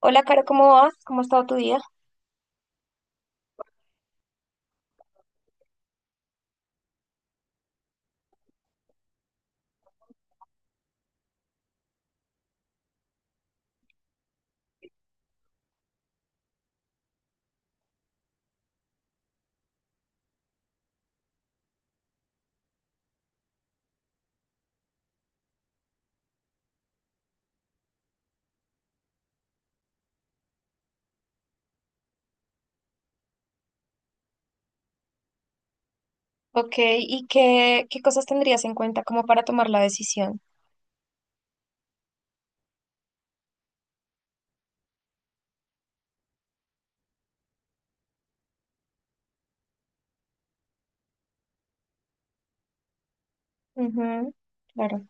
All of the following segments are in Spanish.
Hola, Caro, ¿cómo vas? ¿Cómo ha estado tu día? Ok, ¿y qué cosas tendrías en cuenta como para tomar la decisión? Ujú, claro.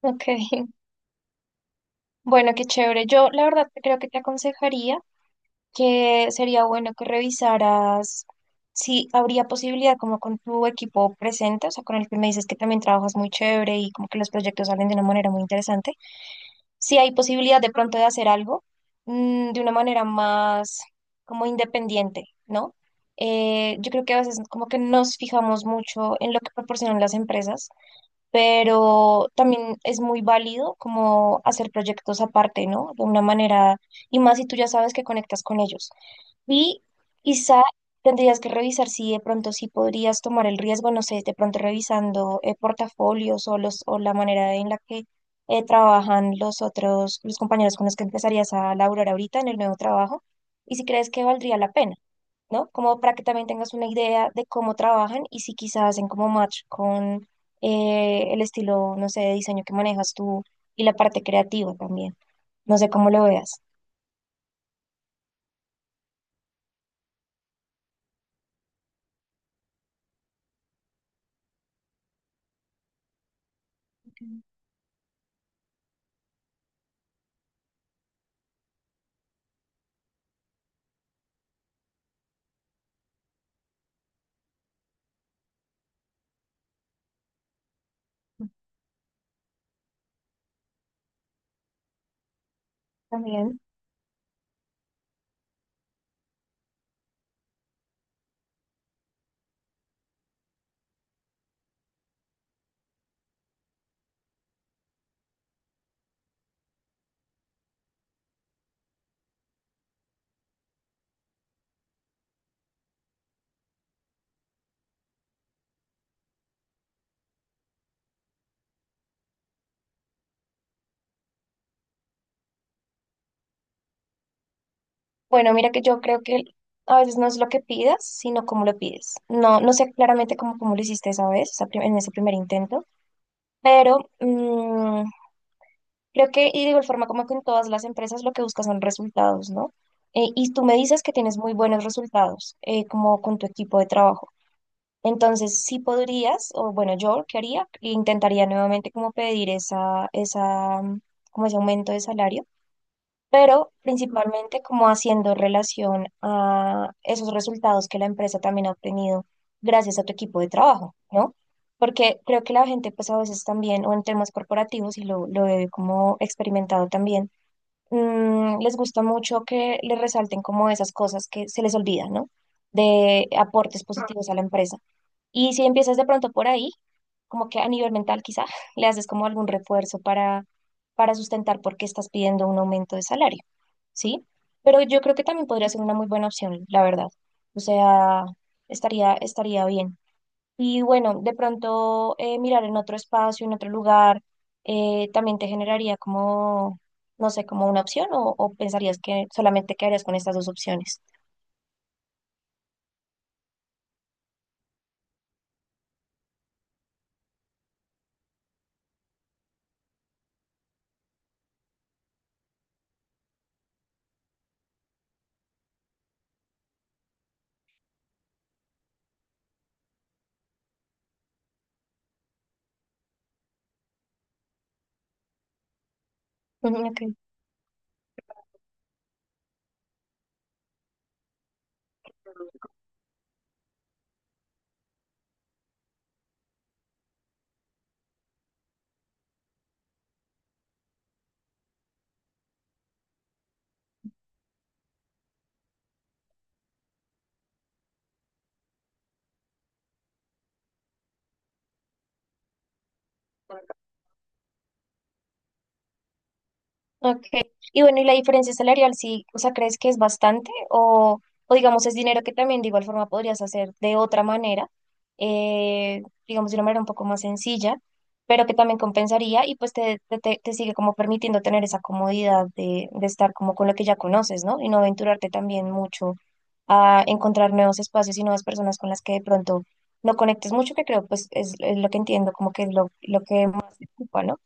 Ok, bueno, qué chévere. Yo la verdad creo que te aconsejaría que sería bueno que revisaras si habría posibilidad como con tu equipo presente, o sea, con el que me dices que también trabajas muy chévere y como que los proyectos salen de una manera muy interesante. Si hay posibilidad de pronto de hacer algo de una manera más como independiente, ¿no? Yo creo que a veces como que nos fijamos mucho en lo que proporcionan las empresas, pero también es muy válido como hacer proyectos aparte, ¿no? De una manera, y más si tú ya sabes que conectas con ellos. Y quizá tendrías que revisar si de pronto sí podrías tomar el riesgo, no sé, de pronto revisando portafolios o la manera en la que trabajan los otros, los compañeros con los que empezarías a laburar ahorita en el nuevo trabajo, y si crees que valdría la pena, ¿no? Como para que también tengas una idea de cómo trabajan y si quizás hacen como match con el estilo, no sé, de diseño que manejas tú y la parte creativa también. No sé cómo lo veas. Ok. También. Bueno, mira que yo creo que a veces no es lo que pidas, sino cómo lo pides. No, no sé claramente cómo lo hiciste esa vez, en ese primer intento, pero creo que, y de igual forma como que en todas las empresas lo que buscas son resultados, ¿no? Y tú me dices que tienes muy buenos resultados, como con tu equipo de trabajo. Entonces, sí podrías, o bueno, yo, ¿qué haría? Intentaría nuevamente como pedir como ese aumento de salario, pero principalmente como haciendo relación a esos resultados que la empresa también ha obtenido gracias a tu equipo de trabajo, ¿no? Porque creo que la gente pues a veces también, o en temas corporativos, y lo he como experimentado también, les gusta mucho que les resalten como esas cosas que se les olvidan, ¿no? De aportes positivos a la empresa. Y si empiezas de pronto por ahí, como que a nivel mental quizá le haces como algún refuerzo para sustentar por qué estás pidiendo un aumento de salario, ¿sí? Pero yo creo que también podría ser una muy buena opción, la verdad. O sea, estaría bien. Y bueno, de pronto mirar en otro espacio, en otro lugar, también te generaría como, no sé, como una opción o pensarías que solamente quedarías con estas dos opciones. Ujú, ok. Ok. Y bueno, ¿y la diferencia salarial sí, o sea, crees que es bastante o digamos es dinero que también de igual forma podrías hacer de otra manera, digamos de una manera un poco más sencilla, pero que también compensaría y pues te sigue como permitiendo tener esa comodidad de estar como con lo que ya conoces, ¿no? Y no aventurarte también mucho a encontrar nuevos espacios y nuevas personas con las que de pronto no conectes mucho, que creo pues es lo que entiendo, como que es lo que más te ocupa, ¿no?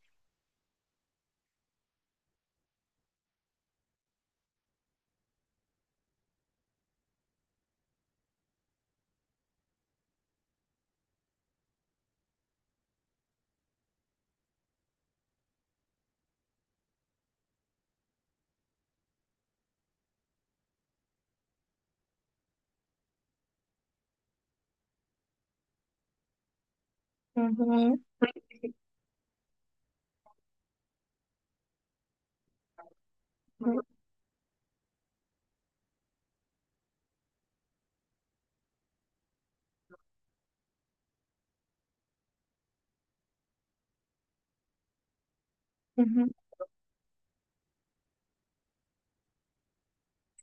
Ujú, ujú, ujú.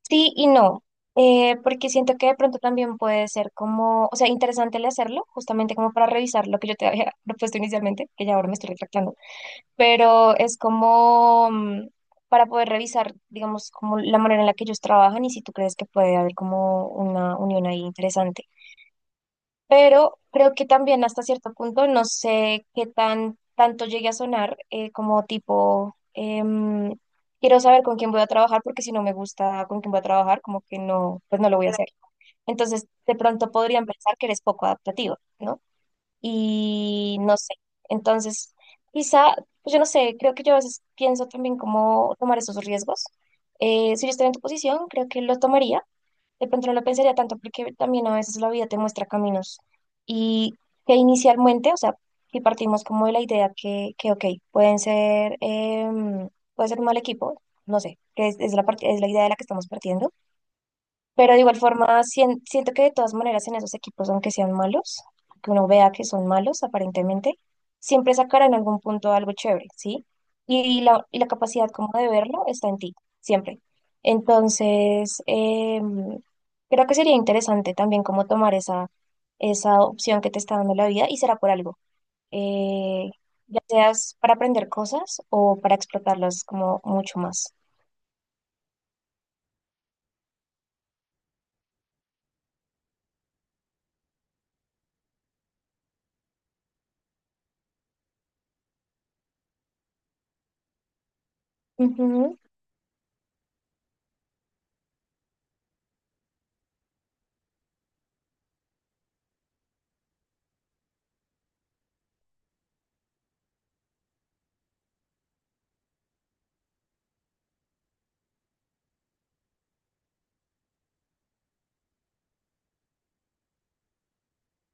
Sí y no, porque siento que de pronto también puede ser como, o sea, interesante el hacerlo, justamente como para revisar lo que yo te había propuesto inicialmente, que ya ahora me estoy retractando, pero es como para poder revisar, digamos, como la manera en la que ellos trabajan y si tú crees que puede haber como una unión ahí interesante, pero creo que también hasta cierto punto no sé qué tan tanto llegue a sonar quiero saber con quién voy a trabajar porque si no me gusta con quién voy a trabajar, como que no, pues no lo voy a hacer. Entonces, de pronto podrían pensar que eres poco adaptativo, ¿no? Y no sé. Entonces, quizá, pues yo no sé, creo que yo a veces pienso también cómo tomar esos riesgos. Si yo estuviera en tu posición, creo que lo tomaría, de pronto no lo pensaría tanto porque también a veces la vida te muestra caminos y que inicialmente, o sea, si partimos como de la idea que ok, pueden ser, puede ser un mal equipo, no sé, que es la, part- es la idea de la que estamos partiendo, pero de igual forma, siento que de todas maneras en esos equipos, aunque sean malos, que uno vea que son malos aparentemente, siempre sacará en algún punto algo chévere, ¿sí? Y la capacidad como de verlo está en ti, siempre. Entonces, creo que sería interesante también como tomar esa opción que te está dando la vida y será por algo. Eh, ya seas para aprender cosas o para explotarlas como mucho más. Ujú,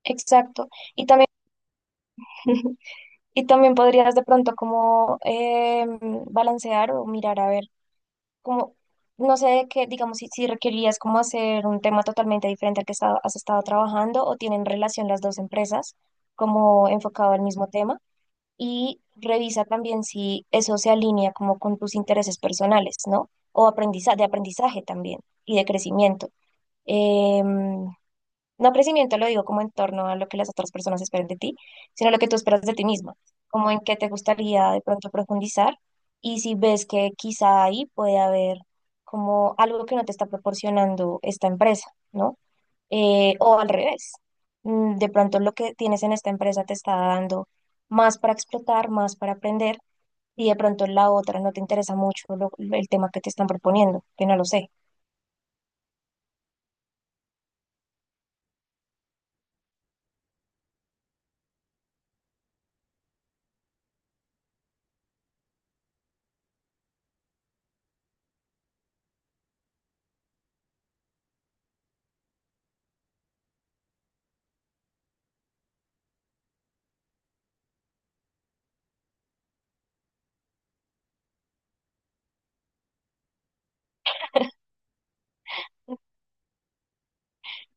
exacto. Y también... Y también podrías de pronto como em, balancear o mirar a ver, como, no sé qué, digamos, si, si requerías como hacer un tema totalmente diferente al que has estado trabajando, o tienen relación las dos empresas como enfocado al mismo tema, y revisa también si eso se alinea como con tus intereses personales, ¿no? O aprendizaje, de aprendizaje también y de crecimiento. Em, no crecimiento lo digo como en torno a lo que las otras personas esperan de ti, sino lo que tú esperas de ti misma, como en qué te gustaría de pronto profundizar, y si ves que quizá ahí puede haber como algo que no te está proporcionando esta empresa, ¿no? O al revés, de pronto lo que tienes en esta empresa te está dando más para explotar, más para aprender, y de pronto la otra no te interesa mucho el tema que te están proponiendo, que no lo sé.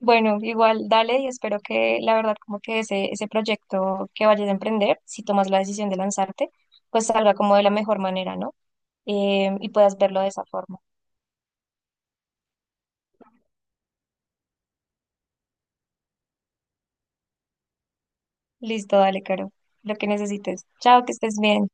Bueno, igual dale y espero que la verdad como que ese proyecto que vayas a emprender, si tomas la decisión de lanzarte, pues salga como de la mejor manera, ¿no? Y puedas verlo de esa forma. Listo, dale, Caro. Lo que necesites. Chao, que estés bien.